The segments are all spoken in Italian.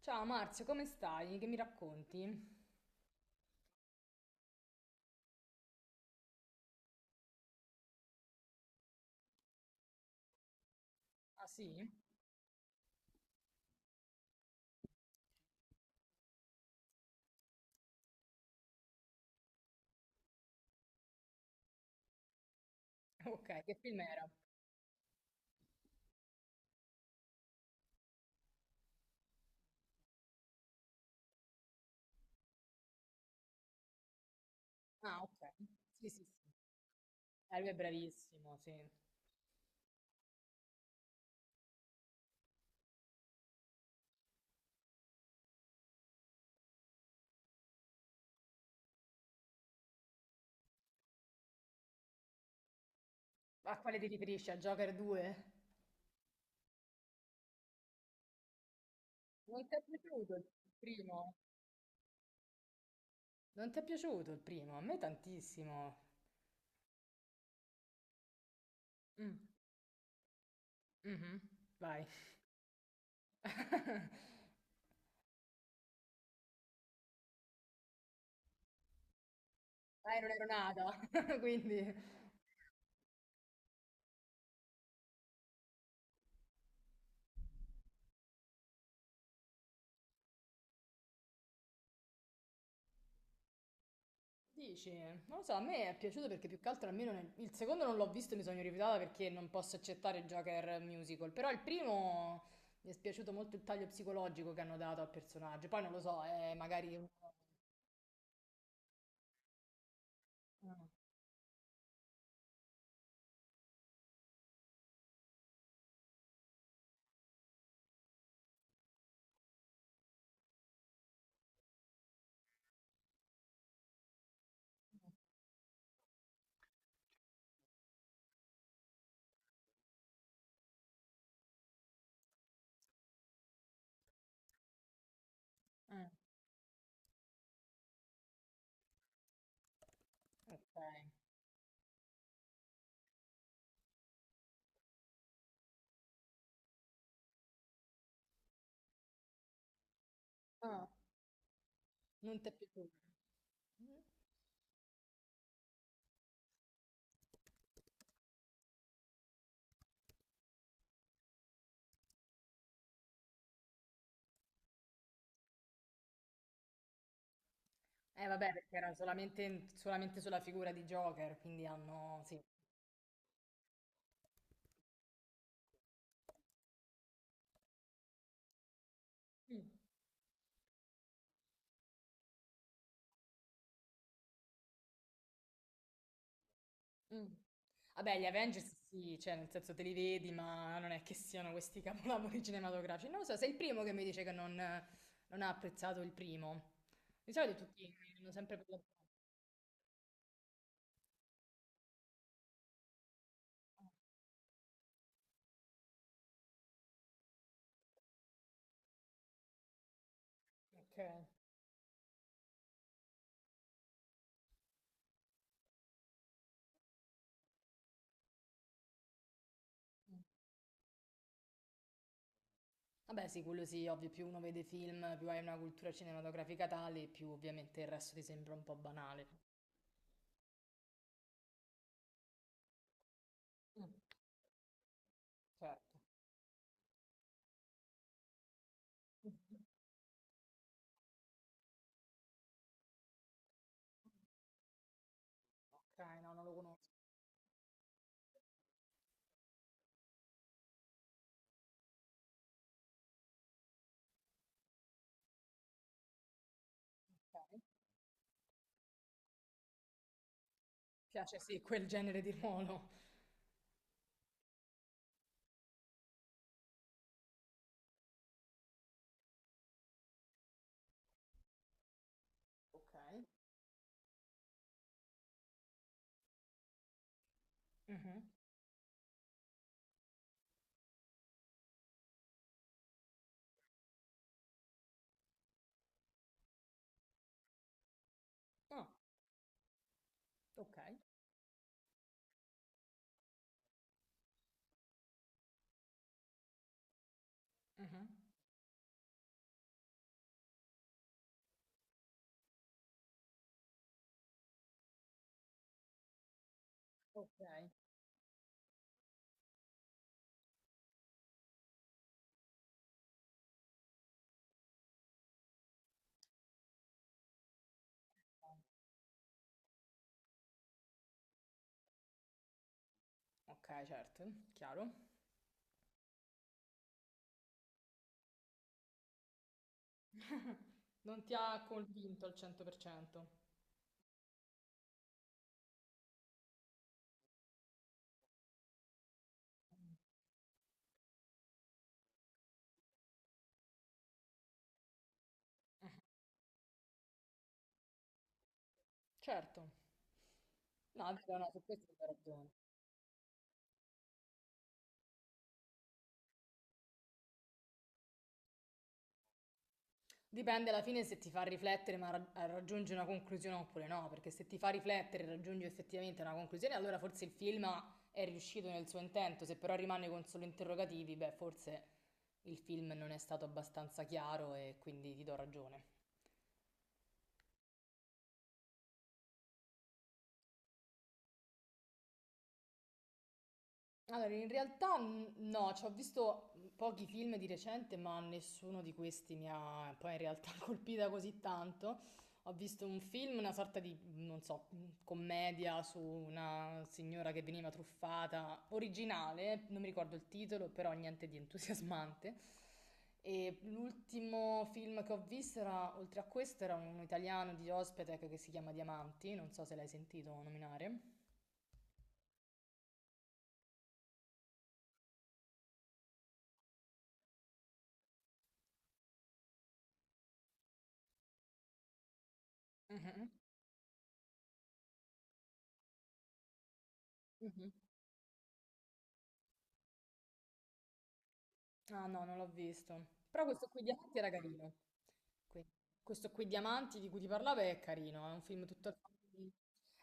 Ciao Marzio, come stai? Che mi racconti? Ah sì? Ok, che film era? Ah, ok. Sì, sì, sì. Lui è bravissimo, sì. A quale ti riferisci? A Joker 2? Non ti è piaciuto il primo? Non ti è piaciuto il primo? A me tantissimo. Mm. Mhm. Vai. Dai, non ero nata, quindi... Dici, non lo so, a me è piaciuto perché più che altro almeno il secondo non l'ho visto, e mi sono rifiutata perché non posso accettare Joker musical, però il primo mi è piaciuto molto il taglio psicologico che hanno dato al personaggio, poi non lo so, è magari... Eh, eh, ok. Ah, non ti è piaciuto? Eh vabbè, perché era solamente sulla figura di Joker, quindi hanno... Sì. Mm. Mm. Vabbè, gli Avengers sì, cioè nel senso te li vedi, ma non è che siano questi capolavori cinematografici. Non lo so, sei il primo che mi dice che non, non ha apprezzato il primo. Di solito tutti hanno sempre parlato. Ok. Mm. Vabbè, sì, quello sì, ovvio, più uno vede film, più hai una cultura cinematografica tale, più ovviamente il resto ti sembra un po' banale. Mm. Certo. Mhm. Ok, no, non lo conosco. Ok. Piace sì, quel genere di ruolo. Ok. Mhm. Ah, ok. Mhm. Ok. Ok, certo, chiaro. Non ti ha convinto al 100%. Certo. No, è vero, no, su questo hai ragione. Dipende alla fine se ti fa riflettere ma raggiungi una conclusione oppure no, perché se ti fa riflettere e raggiungi effettivamente una conclusione, allora forse il film è riuscito nel suo intento, se però rimane con solo interrogativi, beh, forse il film non è stato abbastanza chiaro e quindi ti do ragione. Allora, in realtà no, ci ho visto pochi film di recente, ma nessuno di questi mi ha poi in realtà colpita così tanto. Ho visto un film, una sorta di, non so, commedia su una signora che veniva truffata, originale, non mi ricordo il titolo, però niente di entusiasmante. E l'ultimo film che ho visto era, oltre a questo, era un italiano di Ospetec che si chiama Diamanti, non so se l'hai sentito nominare. Mhm, mhm. Ah no, non l'ho visto. Però questo qui Diamanti era carino. Que- Questo qui Diamanti di cui ti parlavo è carino, è un film tutto al femminile.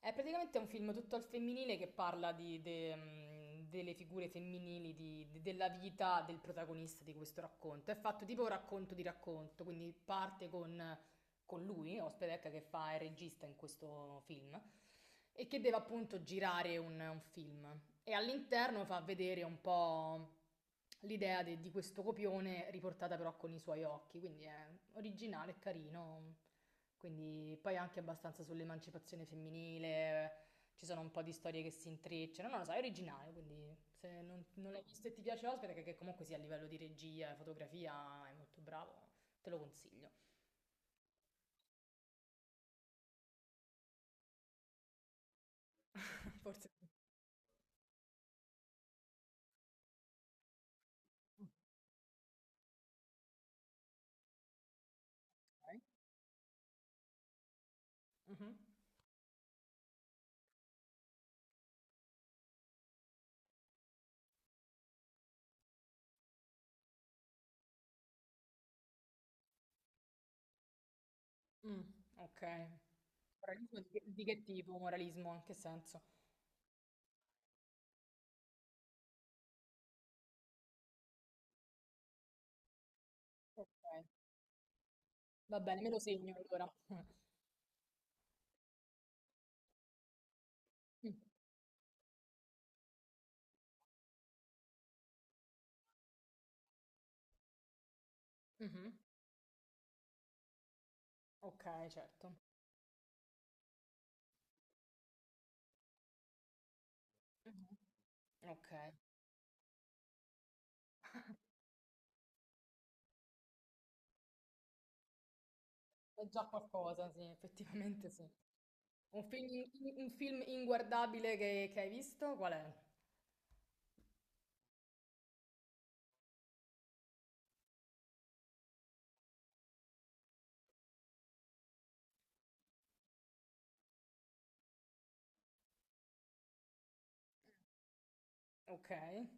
È praticamente un film tutto al femminile che parla delle figure femminili, della vita del protagonista di questo racconto. È fatto tipo un racconto di racconto, quindi parte con lui, Ospedecca, che fa il regista in questo film, e che deve appunto girare un film. E all'interno fa vedere un po' l'idea di questo copione riportata però con i suoi occhi, quindi è originale e carino. Quindi poi anche abbastanza sull'emancipazione femminile, ci sono un po' di storie che si intrecciano, non lo so, è originale, quindi se non, non l'hai visto e ti piace Ospite, che comunque sia a livello di regia e fotografia è molto bravo, te lo consiglio. Forse. Ok. Mhm. Mm. Ok. Moralismo di che tipo? Moralismo, in che senso? Ok. Va bene, me lo segno allora. Mh. Mh-mh. Okay, certo. Mh-mh. Okay. È già qualcosa, sì, effettivamente sì. Un film in in un film inguardabile che hai visto qual è? Okay.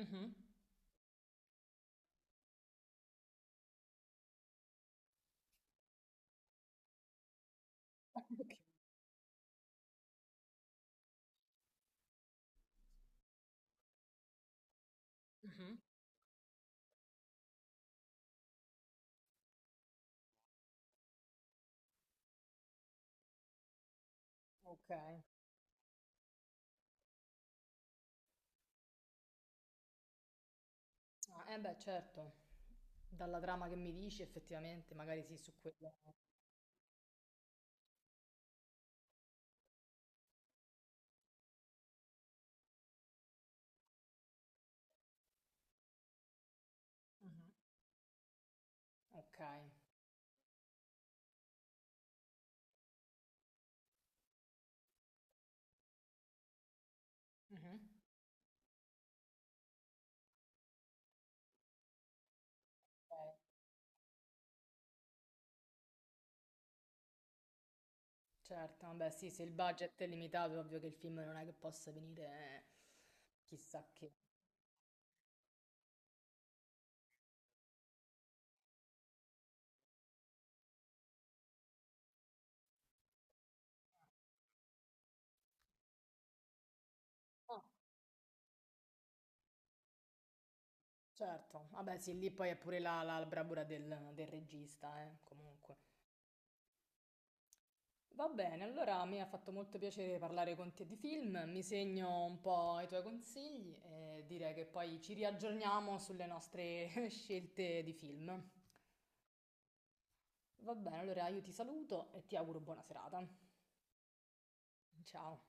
Mh-mh. Okay. Mh-mh. Okay. Ah, eh beh, certo. Dalla trama che mi dici effettivamente magari sì, su quello mh-mh. Okay. Mh-mh. Okay, certo. Vabbè sì, se il budget è limitato è ovvio che il film non è che possa venire chissà che. Ah, certo, vabbè sì, lì poi è pure la bravura del regista, comunque. Va bene, allora mi ha fatto molto piacere parlare con te di film, mi segno un po' i tuoi consigli e direi che poi ci riaggiorniamo sulle nostre scelte di film. Va bene, allora io ti saluto e ti auguro buona serata. Ciao.